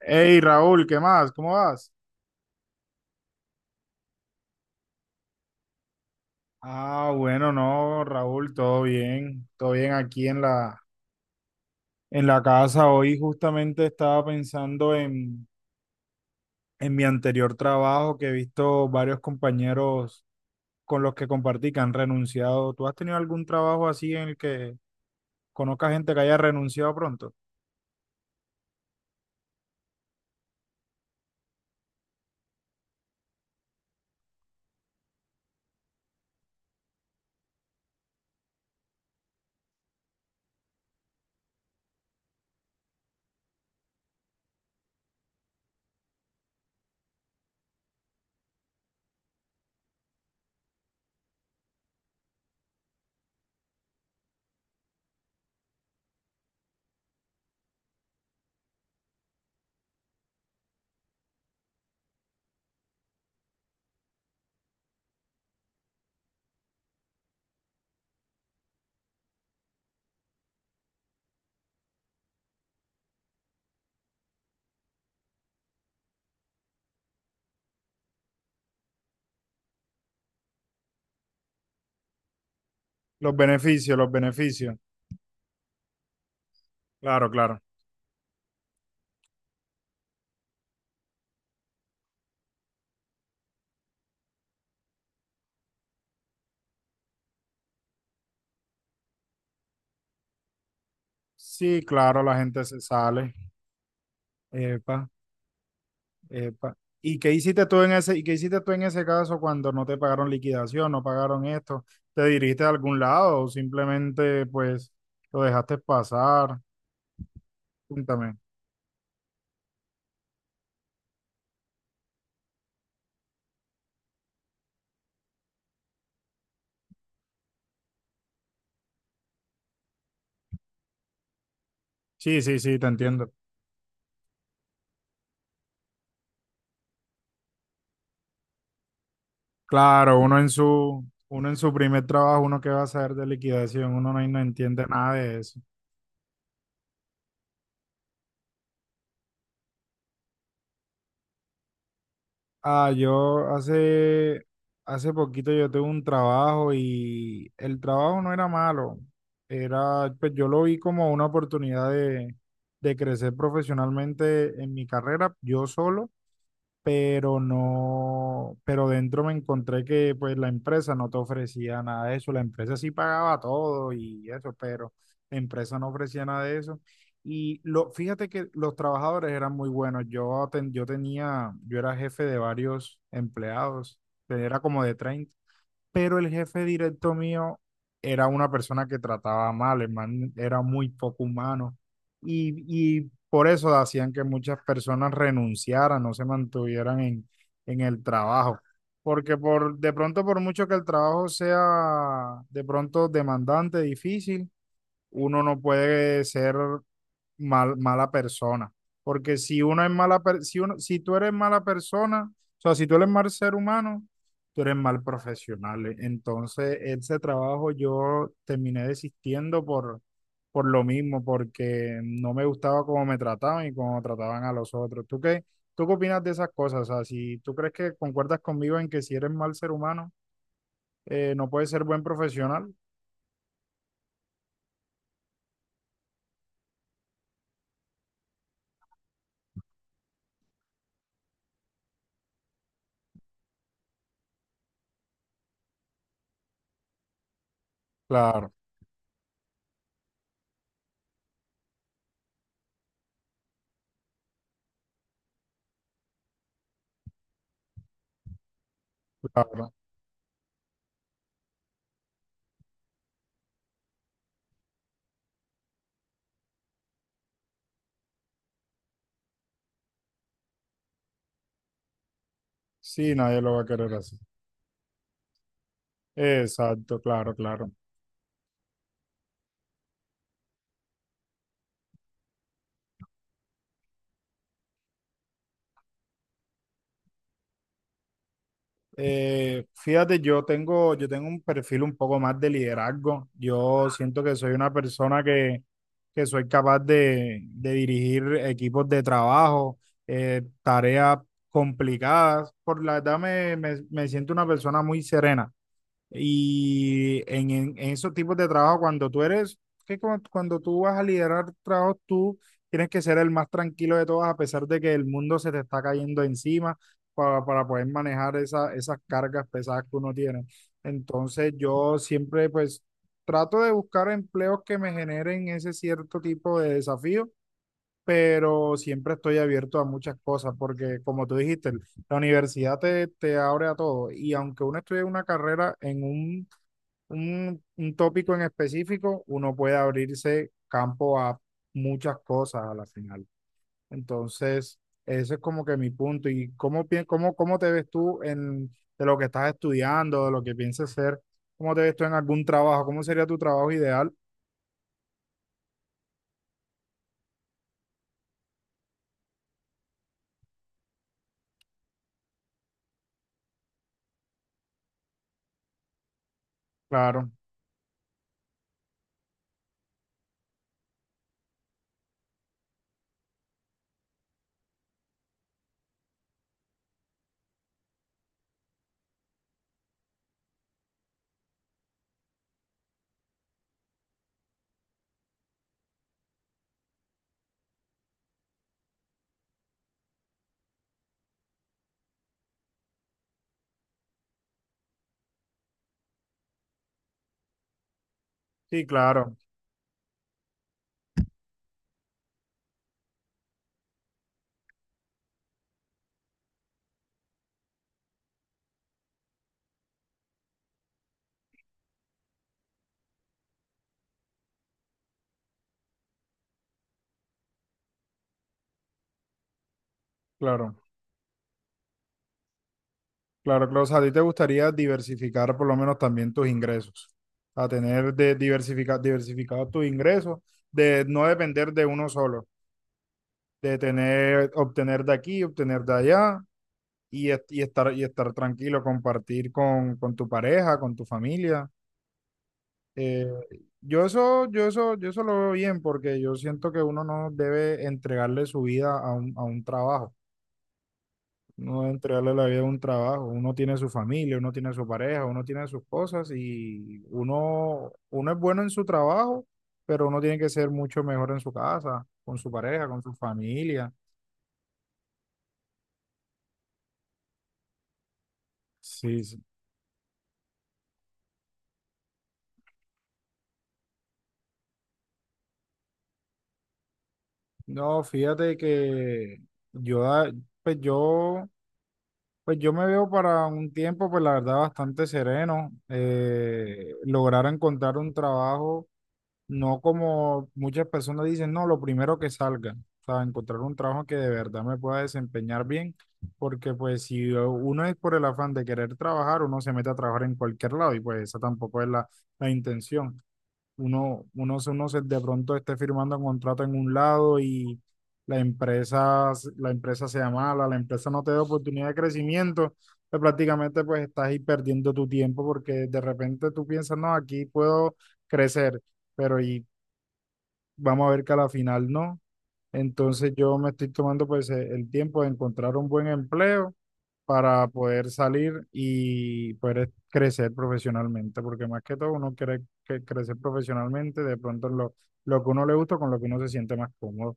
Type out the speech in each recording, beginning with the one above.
Hey Raúl, ¿qué más? ¿Cómo vas? Ah, bueno, no, Raúl, todo bien aquí en la casa. Hoy justamente estaba en mi anterior trabajo que he visto varios compañeros con los que compartí que han renunciado. ¿Tú has tenido algún trabajo así en el que conozca gente que haya renunciado pronto? Los beneficios, los beneficios. Claro, claro. Sí, claro, la gente se sale. Epa. Epa. ¿Y qué hiciste y qué hiciste tú en ese caso cuando no te pagaron liquidación, no pagaron esto? ¿Te dirigiste a algún lado o simplemente pues lo dejaste pasar? Cuéntame. Sí, sí, sí, te entiendo. Claro, uno en su primer trabajo, uno que va a saber de liquidación, uno no, no entiende nada de eso. Ah, yo hace, hace poquito yo tuve un trabajo y el trabajo no era malo. Era, pues yo lo vi como una de crecer profesionalmente en mi carrera, yo solo, pero no, pero dentro me encontré que pues la empresa no te ofrecía nada de eso, la empresa sí pagaba todo y eso, pero la empresa no ofrecía nada de eso. Fíjate que los trabajadores eran muy buenos. Yo tenía, yo era jefe de varios empleados, era como de 30, pero el jefe directo mío era una persona que trataba mal, el man era muy poco humano y, y por eso hacían que muchas personas renunciaran, no en el trabajo, porque por, de pronto por mucho que el trabajo sea de pronto demandante, difícil, uno no puede ser mala persona. Porque si uno es si uno, si tú eres mala persona, o sea, si tú eres mal ser humano, tú eres mal profesional. Entonces, ese trabajo yo terminé por lo mismo, porque no me gustaba cómo me trataban y cómo trataban a los otros. Tú qué opinas de esas cosas? O sea, si tú crees que concuerdas conmigo en que si eres mal ser humano, no puedes ser buen profesional. Claro, claro. Sí, nadie lo va a querer así. Exacto, claro, claro. Fíjate, yo tengo un perfil un poco más de liderazgo. Yo siento que soy una que soy capaz de dirigir equipos de trabajo, tareas complicadas. Por la me siento una persona muy serena. Y en esos tipos de trabajo, cuando tú eres, que cu- cuando tú vas a liderar trabajos, tú tienes que ser el más tranquilo de todos, a pesar de que el mundo se te está cayendo encima para poder manejar esas cargas pesadas que uno tiene. Entonces, yo siempre, pues, trato de buscar empleos que me generen ese cierto tipo de desafío, pero siempre estoy abierto a muchas cosas, porque como tú dijiste, la te abre a todo. Y aunque uno estudie una carrera en un tópico en específico, uno puede abrirse campo a muchas cosas a la final. Entonces, ese es como que mi punto. ¿Y cómo te ves de lo que estás estudiando, de lo que piensas ser? ¿Cómo te ves tú en algún trabajo? ¿Cómo sería tu trabajo ideal? Claro, sí, claro, claro, claro, claro. O sea, a ti te gustaría diversificar por lo menos también tus ingresos, a tener de diversificar, diversificado tus ingresos, de no depender de uno solo. De tener, obtener de aquí, obtener de allá y, y estar tranquilo, compartir con tu pareja, con tu familia. Eh, yo eso lo veo bien porque yo siento que uno no debe entregarle su vida a a un trabajo. No debe entregarle la vida a un trabajo. Uno tiene su familia, uno tiene su pareja, uno tiene sus cosas y uno, uno es bueno en su trabajo, pero uno tiene que ser mucho mejor en su casa, con su pareja, con su familia. Sí, sí. No, fíjate que yo, ah, pues yo, pues yo me veo para un tiempo, pues la verdad, bastante sereno. Lograr encontrar un trabajo, no como muchas personas dicen, no, lo primero que salga. O sea, encontrar un trabajo que de verdad me pueda desempeñar bien, porque pues si uno es por el afán de querer trabajar, uno se mete a trabajar en cualquier lado y pues esa tampoco es la intención. Uno se de pronto esté firmando un contrato en un lado y la empresa sea mala, la empresa no te da oportunidad de crecimiento, pues prácticamente pues estás ahí perdiendo tu tiempo porque de repente tú piensas, no, aquí puedo crecer, pero vamos a ver que a la final no. Entonces yo me estoy tomando pues el tiempo de encontrar un buen empleo para poder salir y poder crecer profesionalmente, porque más que todo uno quiere que crecer profesionalmente, de pronto lo que uno le gusta con lo que uno se siente más cómodo.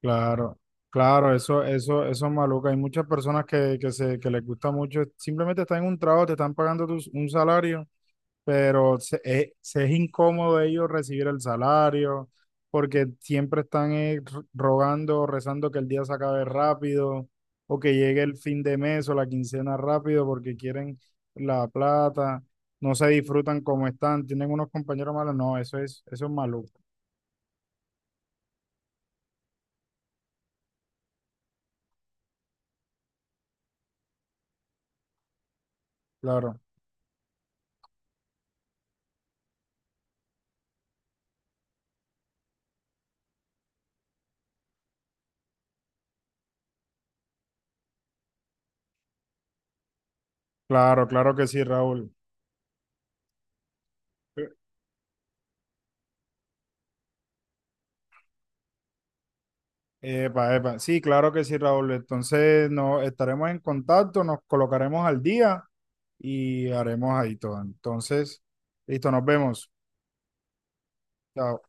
Claro, claro, eso es maluco. Hay muchas personas que les gusta mucho, simplemente están en un trabajo, te están pagando un salario, pero se, se es incómodo ellos recibir el salario, porque siempre están rogando o rezando que el día se acabe rápido, o que llegue el fin de mes o la quincena rápido, porque quieren la plata, no se disfrutan como están, tienen unos compañeros malos, no, eso es maluco, claro, claro, claro que sí, Raúl. Epa, epa, sí, claro que sí, Raúl. Entonces, no, estaremos en contacto, nos colocaremos al día y haremos ahí todo. Entonces, listo, nos vemos. Chao.